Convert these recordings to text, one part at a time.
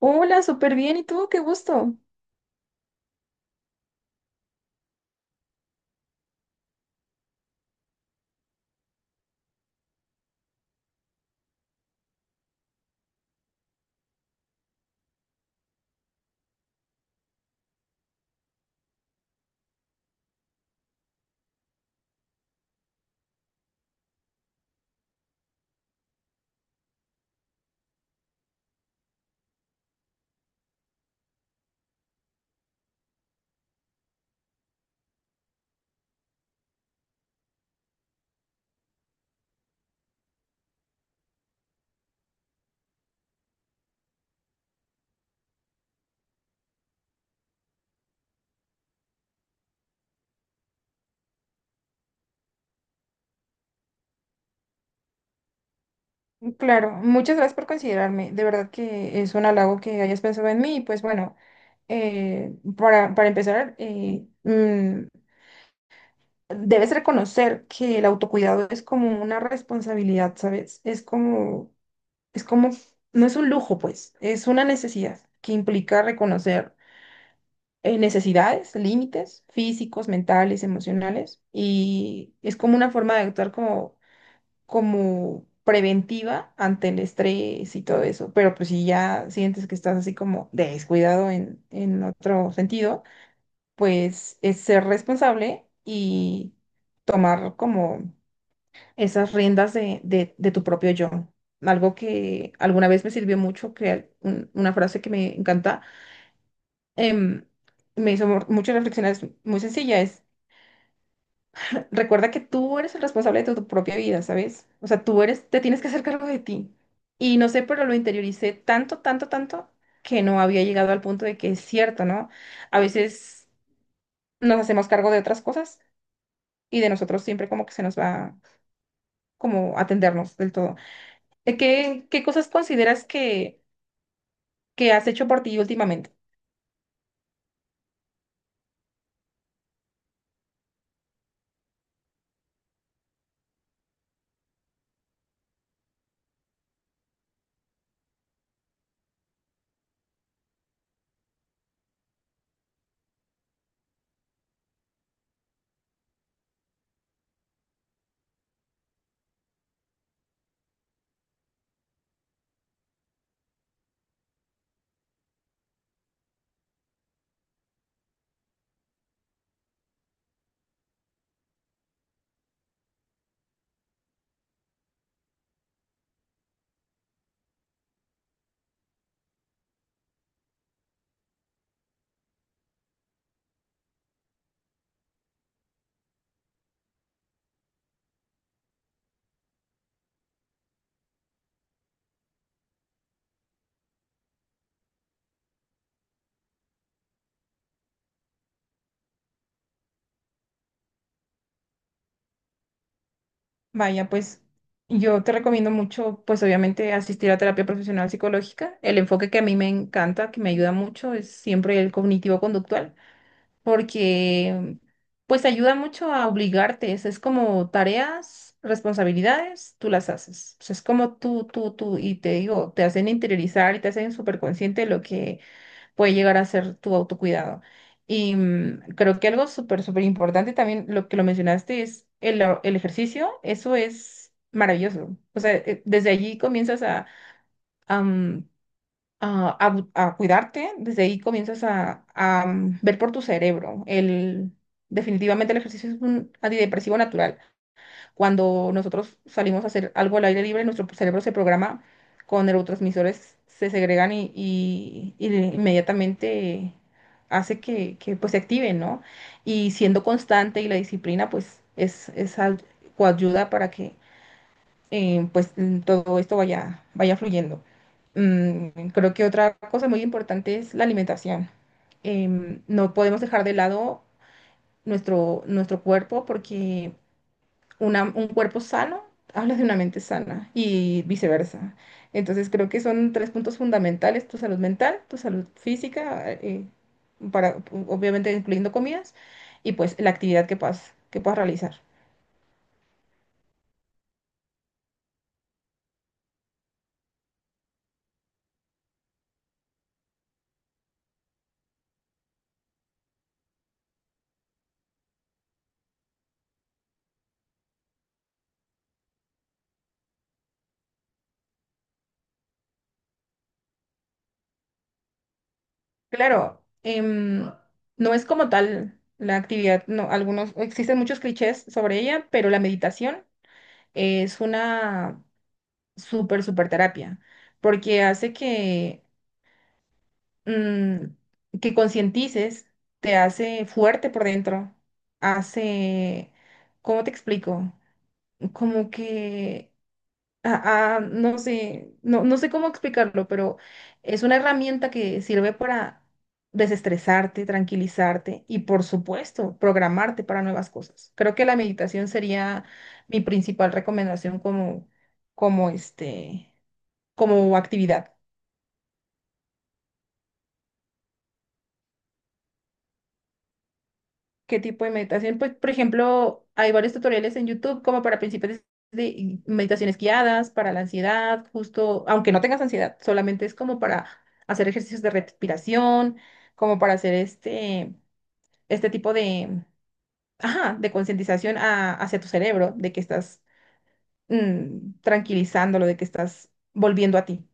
Hola, súper bien. ¿Y tú? Qué gusto. Claro, muchas gracias por considerarme. De verdad que es un halago que hayas pensado en mí. Y pues bueno, para empezar, debes reconocer que el autocuidado es como una responsabilidad, ¿sabes? Es como, no es un lujo, pues, es una necesidad que implica reconocer necesidades, límites físicos, mentales, emocionales. Y es como una forma de actuar como preventiva ante el estrés y todo eso. Pero pues si ya sientes que estás así como descuidado en otro sentido, pues es ser responsable y tomar como esas riendas de tu propio yo. Algo que alguna vez me sirvió mucho, una frase que me encanta, em, me hizo mucho reflexionar, es muy sencilla, recuerda que tú eres el responsable de tu propia vida, ¿sabes? O sea, tú eres, te tienes que hacer cargo de ti. Y no sé, pero lo interioricé tanto, tanto, tanto que no había llegado al punto de que es cierto, ¿no? A veces nos hacemos cargo de otras cosas y de nosotros siempre como que se nos va como atendernos del todo. ¿Qué cosas consideras que has hecho por ti últimamente? Vaya, pues yo te recomiendo mucho, pues obviamente asistir a terapia profesional psicológica. El enfoque que a mí me encanta, que me ayuda mucho, es siempre el cognitivo-conductual, porque pues ayuda mucho a obligarte. Es como tareas, responsabilidades, tú las haces. O sea, es como tú, y te digo, te hacen interiorizar y te hacen súper consciente de lo que puede llegar a ser tu autocuidado. Y creo que algo súper, súper importante también, lo que lo mencionaste, es el ejercicio. Eso es maravilloso. O sea, desde allí comienzas a, mm, a cuidarte, desde ahí comienzas ver por tu cerebro. Definitivamente el ejercicio es un antidepresivo natural. Cuando nosotros salimos a hacer algo al aire libre, nuestro cerebro se programa con neurotransmisores, se segregan y inmediatamente hace pues, se activen, ¿no? Y siendo constante y la disciplina, coayuda para que todo esto vaya fluyendo. Creo que otra cosa muy importante es la alimentación. No podemos dejar de lado nuestro cuerpo porque un cuerpo sano, hablas de una mente sana y viceversa. Entonces creo que son tres puntos fundamentales, tu salud mental, tu salud física, para, obviamente incluyendo comidas, y pues la actividad que puedas realizar. Claro, no es como tal la actividad, no, algunos, existen muchos clichés sobre ella, pero la meditación es una súper, súper terapia, porque hace mm, que concientices, te hace fuerte por dentro, hace, ¿cómo te explico? Como que, no sé, no sé cómo explicarlo, pero es una herramienta que sirve para desestresarte, tranquilizarte y, por supuesto, programarte para nuevas cosas. Creo que la meditación sería mi principal recomendación como, como este, como actividad. Qué tipo de meditación. Pues, por ejemplo, hay varios tutoriales en YouTube como para principiantes de meditaciones guiadas, para la ansiedad, justo, aunque no tengas ansiedad, solamente es como para hacer ejercicios de respiración, como para hacer este, este tipo de, ajá, de concientización hacia tu cerebro, de que estás tranquilizándolo, de que estás volviendo a ti.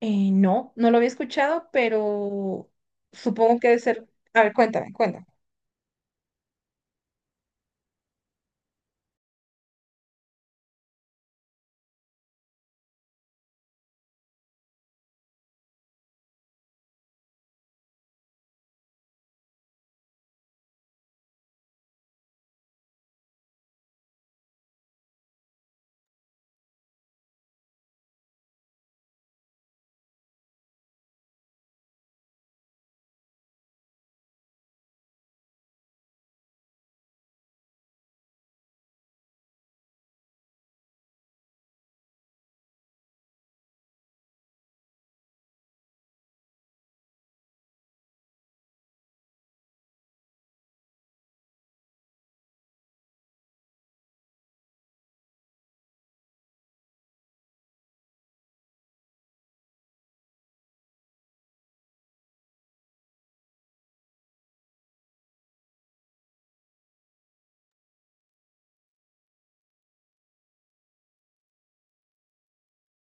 No, no lo había escuchado, pero supongo que debe ser... A ver, cuéntame, cuéntame.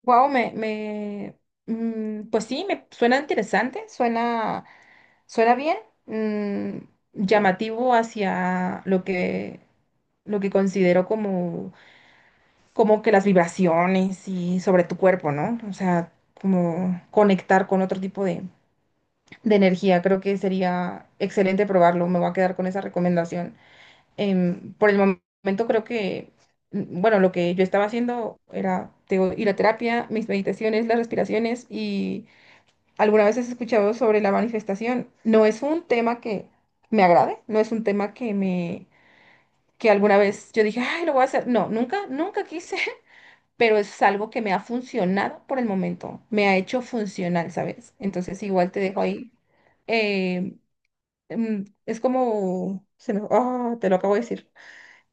Wow, pues sí, me suena interesante, suena, suena bien, mm, llamativo hacia lo que considero como, como que las vibraciones y sobre tu cuerpo, ¿no? O sea, como conectar con otro tipo de energía. Creo que sería excelente probarlo. Me voy a quedar con esa recomendación. Por el momento bueno, lo que yo estaba haciendo era, te digo, ir a terapia, mis meditaciones, las respiraciones y alguna vez has escuchado sobre la manifestación. No es un tema que me agrade, no es un tema que alguna vez yo dije, ay, lo voy a hacer. No, nunca, nunca quise, pero es algo que me ha funcionado por el momento, me ha hecho funcional, ¿sabes? Entonces igual te dejo ahí. eh, es como, te lo acabo de decir.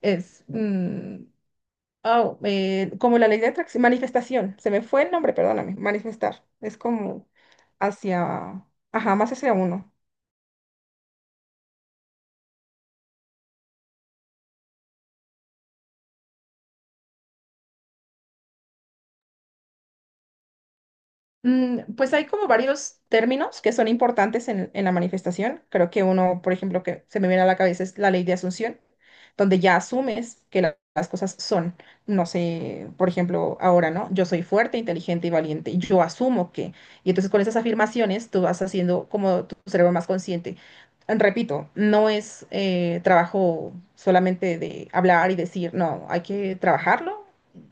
Es oh, como la ley de atracción, manifestación. Se me fue el nombre, perdóname. Manifestar. Es como hacia, ajá, más hacia uno. Pues hay como varios términos que son importantes en la manifestación. Creo que uno, por ejemplo, que se me viene a la cabeza es la ley de asunción, donde ya asumes que las cosas son, no sé, por ejemplo, ahora, ¿no? Yo soy fuerte, inteligente y valiente, y yo asumo que. Y entonces con esas afirmaciones tú vas haciendo como tu cerebro más consciente. Repito, no es trabajo solamente de hablar y decir, no, hay que trabajarlo,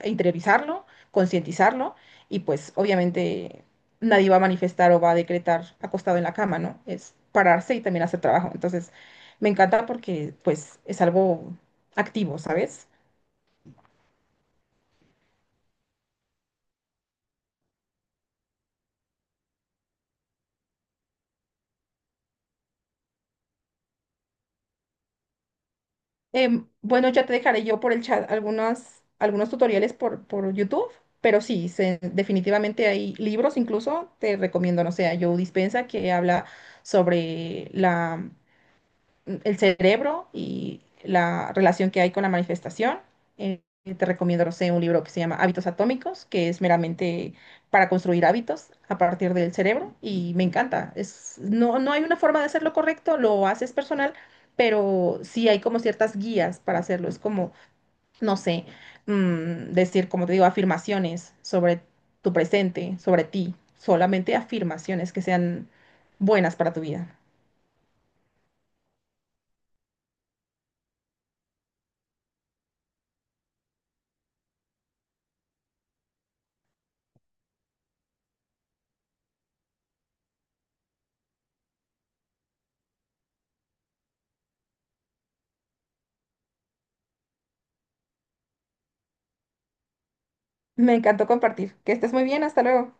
interiorizarlo, concientizarlo. Y pues obviamente nadie va a manifestar o va a decretar acostado en la cama, ¿no? Es pararse y también hacer trabajo. Entonces, me encanta porque, pues, es algo activo, ¿sabes? Bueno, ya te dejaré yo por el chat algunas, algunos tutoriales por YouTube, pero sí, definitivamente hay libros, incluso te recomiendo, no sé, a Joe Dispenza que habla sobre la el cerebro y la relación que hay con la manifestación. Eh, Te recomiendo, no sé, un libro que se llama Hábitos Atómicos, que es meramente para construir hábitos a partir del cerebro y me encanta. Es, no, no hay una forma de hacerlo correcto, lo haces personal, pero sí hay como ciertas guías para hacerlo. Es como, no sé, decir, como te digo, afirmaciones sobre tu presente, sobre ti, solamente afirmaciones que sean buenas para tu vida. Me encantó compartir. Que estés muy bien, hasta luego.